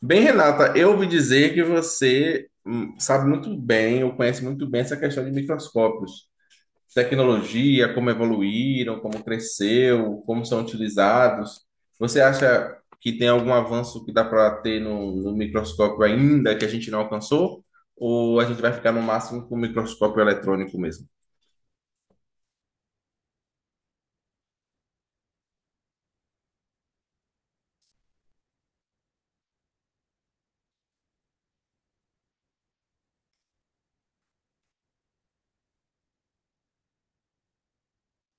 Bem, Renata, eu ouvi dizer que você sabe muito bem, ou conhece muito bem essa questão de microscópios, tecnologia, como evoluíram, como cresceu, como são utilizados. Você acha que tem algum avanço que dá para ter no microscópio ainda que a gente não alcançou? Ou a gente vai ficar no máximo com o microscópio eletrônico mesmo?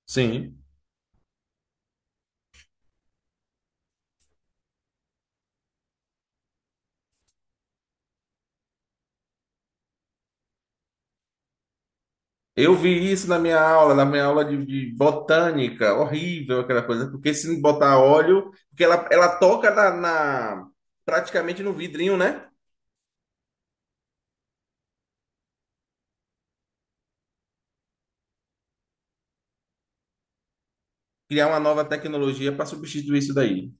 Sim. Eu vi isso na minha aula de botânica, horrível aquela coisa, porque se botar óleo, porque ela toca na, praticamente no vidrinho, né? Criar uma nova tecnologia para substituir isso daí.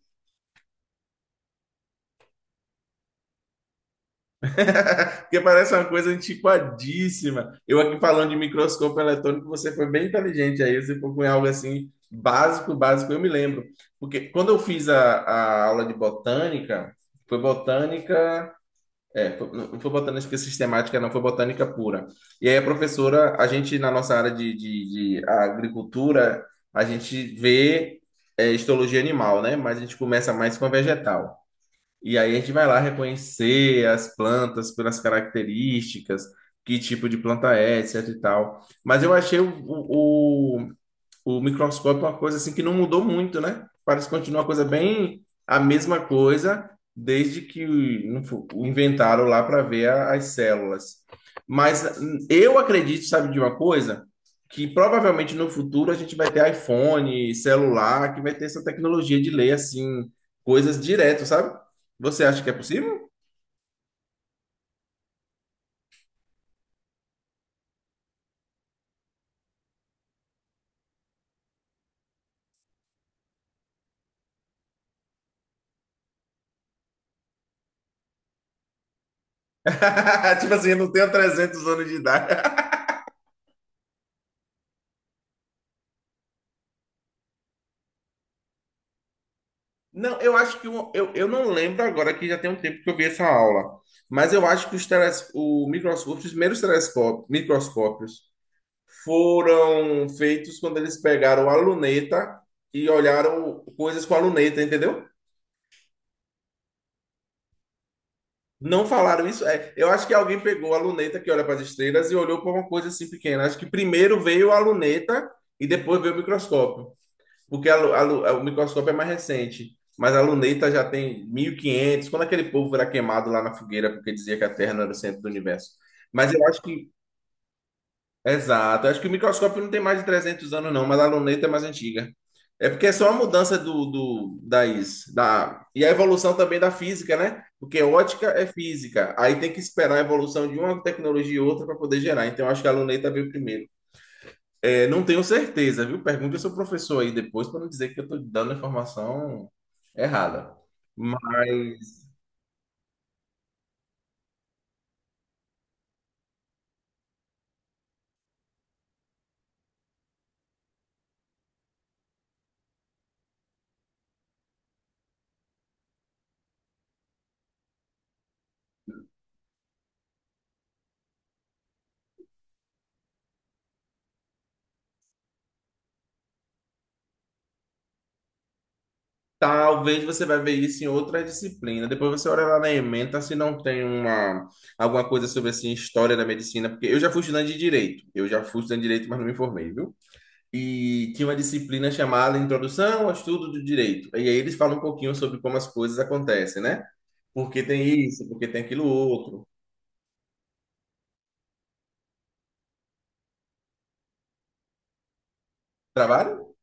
Porque parece uma coisa antiquadíssima. Eu aqui falando de microscópio eletrônico, você foi bem inteligente aí, você foi com algo assim básico, básico, eu me lembro. Porque quando eu fiz a aula de botânica, foi botânica. É, não foi botânica sistemática, não foi botânica pura. E aí a professora, a gente na nossa área de agricultura, a gente vê histologia animal, né? Mas a gente começa mais com a vegetal. E aí a gente vai lá reconhecer as plantas pelas características, que tipo de planta é, etc e tal. Mas eu achei o microscópio é uma coisa assim que não mudou muito, né? Parece que continua uma coisa bem a mesma coisa desde que o não fo- o inventaram lá para ver as células. Mas eu acredito, sabe de uma coisa? Que provavelmente no futuro a gente vai ter iPhone, celular, que vai ter essa tecnologia de ler assim coisas direto, sabe? Você acha que é possível? Tipo assim, eu não tenho 300 anos de idade. Não, eu acho que eu não lembro agora que já tem um tempo que eu vi essa aula, mas eu acho que o microscópio, os primeiros telescópios, microscópios foram feitos quando eles pegaram a luneta e olharam coisas com a luneta, entendeu? Não falaram isso. É, eu acho que alguém pegou a luneta que olha para as estrelas e olhou para uma coisa assim pequena. Acho que primeiro veio a luneta e depois veio o microscópio. Porque o microscópio é mais recente, mas a luneta já tem 1500. Quando aquele povo era queimado lá na fogueira porque dizia que a Terra não era o centro do universo. Mas eu acho que, exato, eu acho que o microscópio não tem mais de 300 anos não, mas a luneta é mais antiga. É porque é só a mudança do, do da is, da e a evolução também da física, né? Porque ótica é física, aí tem que esperar a evolução de uma tecnologia e outra para poder gerar. Então eu acho que a luneta veio primeiro. É, não tenho certeza, viu? Pergunte ao seu professor aí depois para não dizer que eu estou dando a informação errada. Mas talvez você vai ver isso em outra disciplina. Depois você olha lá na ementa se não tem alguma coisa sobre assim, história da medicina, porque eu já fui estudante de direito. Eu já fui estudante de direito, mas não me formei, viu? E tinha uma disciplina chamada Introdução ao Estudo do Direito. E aí eles falam um pouquinho sobre como as coisas acontecem, né? Por que tem isso, por que tem aquilo outro. Trabalho?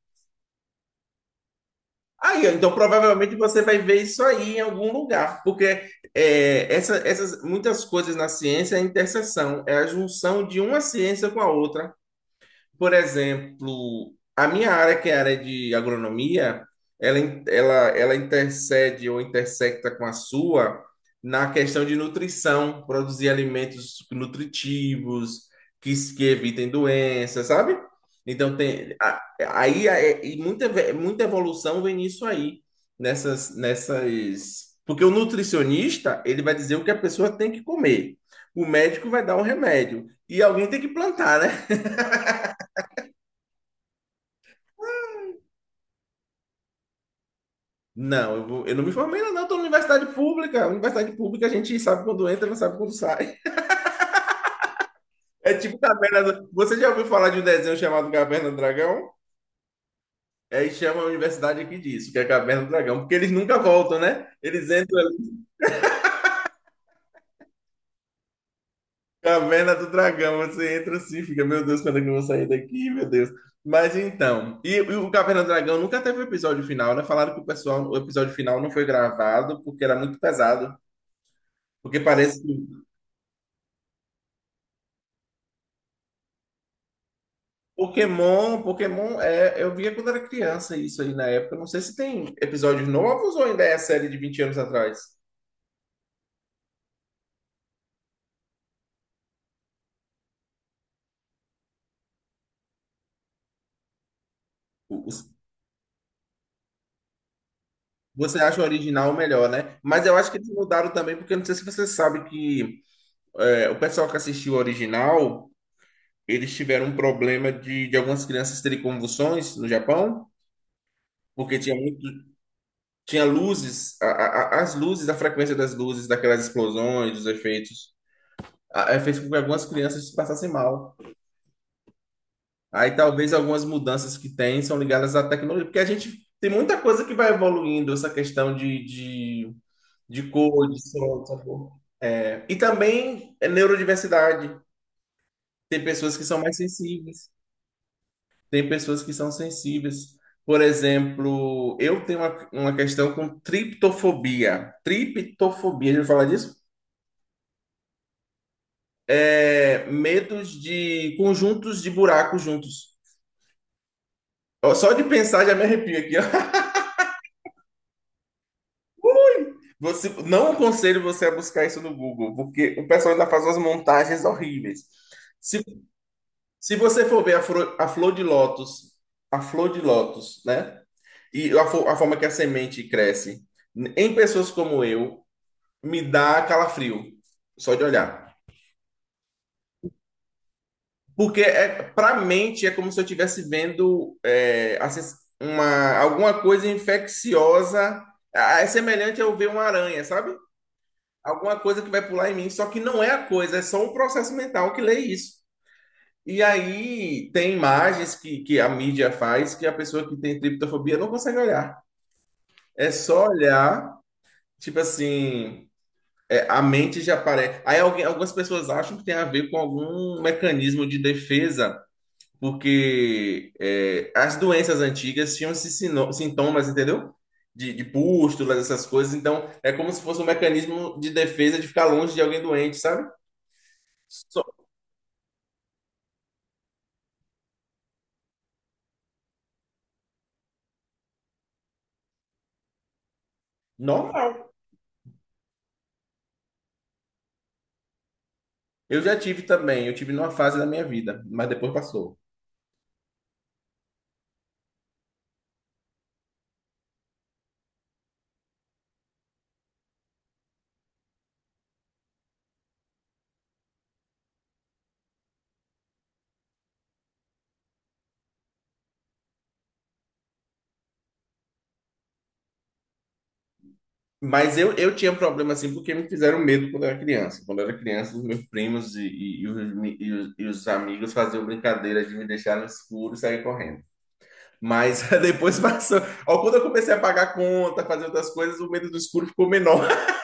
Aí, ó, então provavelmente você vai ver isso aí em algum lugar, porque essas muitas coisas na ciência é a interseção, é a junção de uma ciência com a outra. Por exemplo, a minha área, que é a área de agronomia, ela intercede ou intersecta com a sua na questão de nutrição, produzir alimentos nutritivos, que evitem doenças, sabe? Então, tem, aí e muita, muita evolução vem nisso aí, nessas. Porque o nutricionista, ele vai dizer o que a pessoa tem que comer. O médico vai dar um remédio. E alguém tem que plantar, né? Não, eu não me formei ainda, não. Estou na universidade pública. Universidade pública a gente sabe quando entra, não sabe quando sai. É tipo Caverna do... Você já ouviu falar de um desenho chamado Caverna do Dragão? Aí chama a universidade aqui disso, que é Caverna do Dragão, porque eles nunca voltam, né? Eles entram ali, Caverna do Dragão, você entra assim, fica, meu Deus, quando é que eu vou sair daqui, meu Deus. Mas então, e o Caverna do Dragão nunca teve o episódio final, né? Falaram que o pessoal, o episódio final não foi gravado porque era muito pesado, porque parece que Pokémon, Pokémon, é, eu via quando era criança isso aí na época. Não sei se tem episódios novos ou ainda é a série de 20 anos atrás. O- os- Você acha o original melhor, né? Mas eu acho que eles mudaram também, porque não sei se você sabe que o pessoal que assistiu o original, eles tiveram um problema de algumas crianças terem convulsões no Japão, porque tinha muito, tinha luzes, as luzes, a frequência das luzes, daquelas explosões, dos efeitos, fez com que algumas crianças passassem mal. Aí talvez algumas mudanças que tem são ligadas à tecnologia, porque a gente tem muita coisa que vai evoluindo, essa questão de, de cor, de som, sabor. É, e também é neurodiversidade. Tem pessoas que são mais sensíveis, tem pessoas que são sensíveis. Por exemplo, eu tenho uma questão com triptofobia. Triptofobia, já ouviu falar disso? É medos de conjuntos de buracos juntos. Ó, só de pensar já me arrepio aqui, ó. Você, não aconselho você a buscar isso no Google, porque o pessoal ainda faz umas montagens horríveis. Se, se você for ver a flor de lótus, né? E a forma que a semente cresce, em pessoas como eu, me dá calafrio, só de olhar. Porque para mente é como se eu estivesse vendo assim, alguma coisa infecciosa. Ah, é semelhante a eu ver uma aranha, sabe? Alguma coisa que vai pular em mim, só que não é a coisa, é só um processo mental que lê isso. E aí tem imagens que a mídia faz que a pessoa que tem triptofobia não consegue olhar. É só olhar, tipo assim, a mente já aparece. Aí algumas pessoas acham que tem a ver com algum mecanismo de defesa, porque as doenças antigas tinham esses sintomas, entendeu? De pústulas, essas coisas. Então é como se fosse um mecanismo de defesa de ficar longe de alguém doente, sabe? Normal. Eu já tive também, eu tive numa fase da minha vida, mas depois passou. Mas eu tinha um problema assim porque me fizeram medo quando eu era criança. Quando eu era criança, os meus primos e os, mi- e os amigos faziam brincadeiras de me deixar no escuro e sair correndo. Mas depois passou. Ó, quando eu comecei a pagar conta, fazer outras coisas, o medo do escuro ficou menor.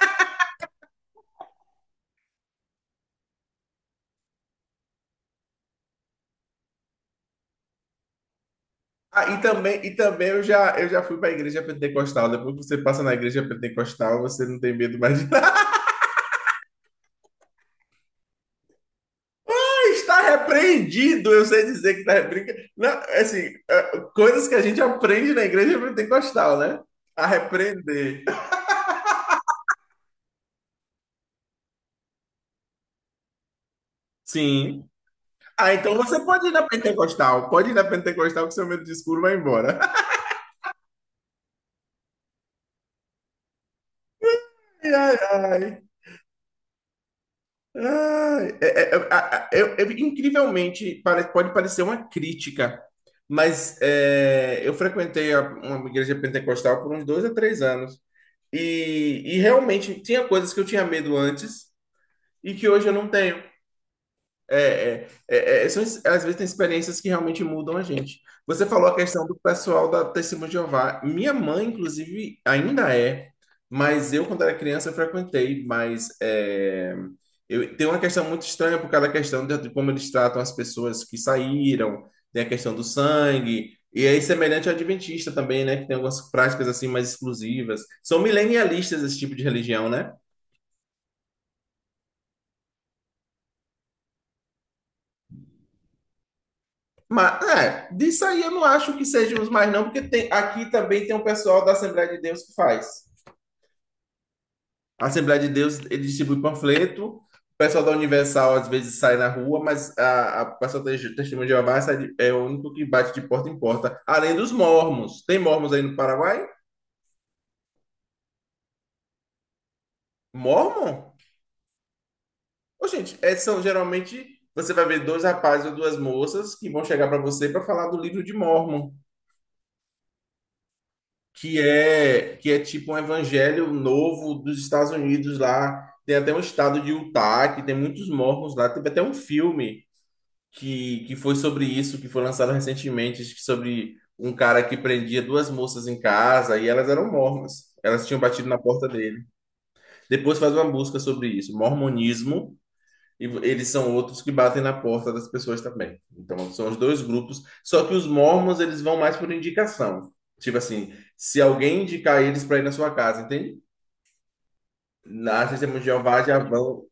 Ah, e também eu já fui para a igreja pentecostal. Depois que você passa na igreja pentecostal, você não tem medo mais. Está repreendido, eu sei dizer que está repreendido. Não, assim, é, coisas que a gente aprende na igreja pentecostal, né? A repreender. Sim. Ah, então você pode ir na pentecostal. Pode ir na pentecostal que seu medo de escuro vai embora. Ai, ai, ai. Ai, incrivelmente, pode parecer uma crítica, mas eu frequentei uma igreja pentecostal por uns 2 a 3 anos. E realmente tinha coisas que eu tinha medo antes, e que hoje eu não tenho. Às vezes tem experiências que realmente mudam a gente. Você falou a questão do pessoal da Testemunha de Jeová. Minha mãe, inclusive, ainda é, mas eu, quando era criança, eu frequentei, mas tem uma questão muito estranha por causa da questão de como eles tratam as pessoas que saíram, tem a questão do sangue, e aí semelhante ao adventista também, né, que tem algumas práticas assim mais exclusivas. São milenialistas esse tipo de religião, né? Mas, disso aí eu não acho que sejam os mais, não, porque tem, aqui também tem um pessoal da Assembleia de Deus que faz. A Assembleia de Deus, ele distribui panfleto, o pessoal da Universal às vezes sai na rua, mas a o pessoal da Testemunha de Jeová é o único que bate de porta em porta, além dos mormons. Tem mormons aí no Paraguai? Mormon? Ô, gente, são geralmente, você vai ver dois rapazes ou duas moças que vão chegar para você para falar do livro de Mormon. Que é que é tipo um evangelho novo dos Estados Unidos lá. Tem até um estado de Utah que tem muitos mormons lá. Teve até um filme que foi sobre isso, que foi lançado recentemente, acho que sobre um cara que prendia duas moças em casa e elas eram mormons. Elas tinham batido na porta dele. Depois faz uma busca sobre isso, mormonismo, e eles são outros que batem na porta das pessoas também. Então, são os dois grupos. Só que os mormons, eles vão mais por indicação. Tipo assim, se alguém indicar eles para ir na sua casa, entende? Na Testemunha de Jeová já vão,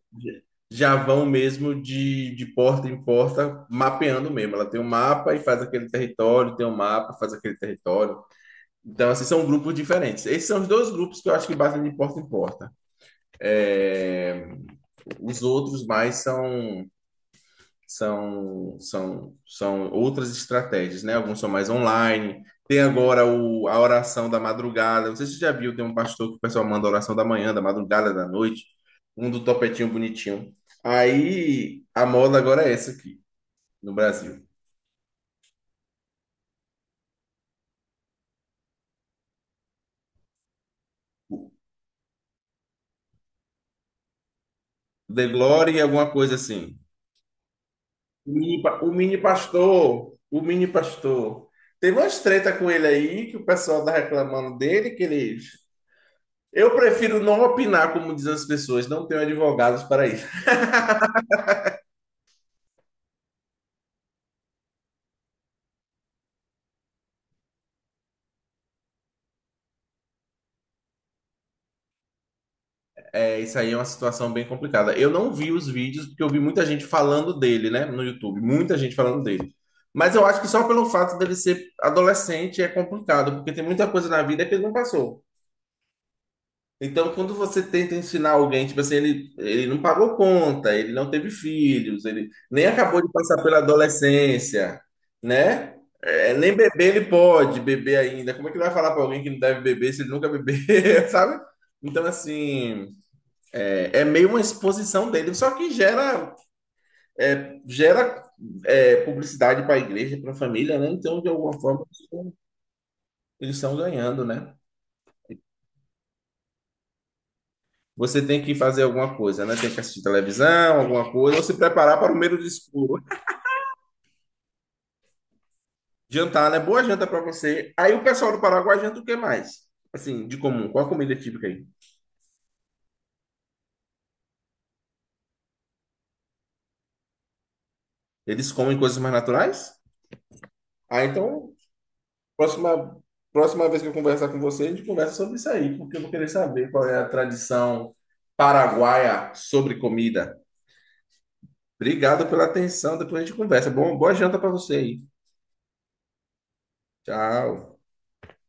já vão mesmo de porta em porta, mapeando mesmo. Ela tem um mapa e faz aquele território, tem um mapa, faz aquele território. Então, assim, são grupos diferentes. Esses são os dois grupos que eu acho que batem de porta em porta. É, os outros mais são, outras estratégias, né? Alguns são mais online. Tem agora a oração da madrugada. Não sei se você já viu, tem um pastor que o pessoal manda oração da manhã, da madrugada, da noite. Um do topetinho bonitinho. Aí a moda agora é essa aqui, no Brasil. The Glory, alguma coisa assim. O mini pastor, o mini pastor. Teve umas treta com ele aí, que o pessoal tá reclamando dele, que ele. Eu prefiro não opinar, como dizem as pessoas, não tenho advogados para isso. É, isso aí é uma situação bem complicada. Eu não vi os vídeos porque eu vi muita gente falando dele, né, no YouTube, muita gente falando dele. Mas eu acho que só pelo fato dele ser adolescente é complicado, porque tem muita coisa na vida que ele não passou. Então, quando você tenta ensinar alguém, tipo assim, ele não pagou conta, ele não teve filhos, ele nem acabou de passar pela adolescência, né? É, nem beber ele pode beber ainda. Como é que ele vai falar para alguém que não deve beber se ele nunca bebeu, sabe? Então, assim, é meio uma exposição dele, só que gera publicidade para a igreja, para a família, né? Então, de alguma forma, eles estão ganhando, né? Você tem que fazer alguma coisa, né? Tem que assistir televisão, alguma coisa, ou se preparar para o meio do escuro. Jantar, né? Boa janta para você. Aí o pessoal do Paraguai janta o que mais? Assim, de comum, qual a comida típica aí? Eles comem coisas mais naturais? Ah, então Próxima, próxima vez que eu conversar com você, a gente conversa sobre isso aí, porque eu vou querer saber qual é a tradição paraguaia sobre comida. Obrigado pela atenção. Depois a gente conversa. Bom, boa janta para você aí. Tchau.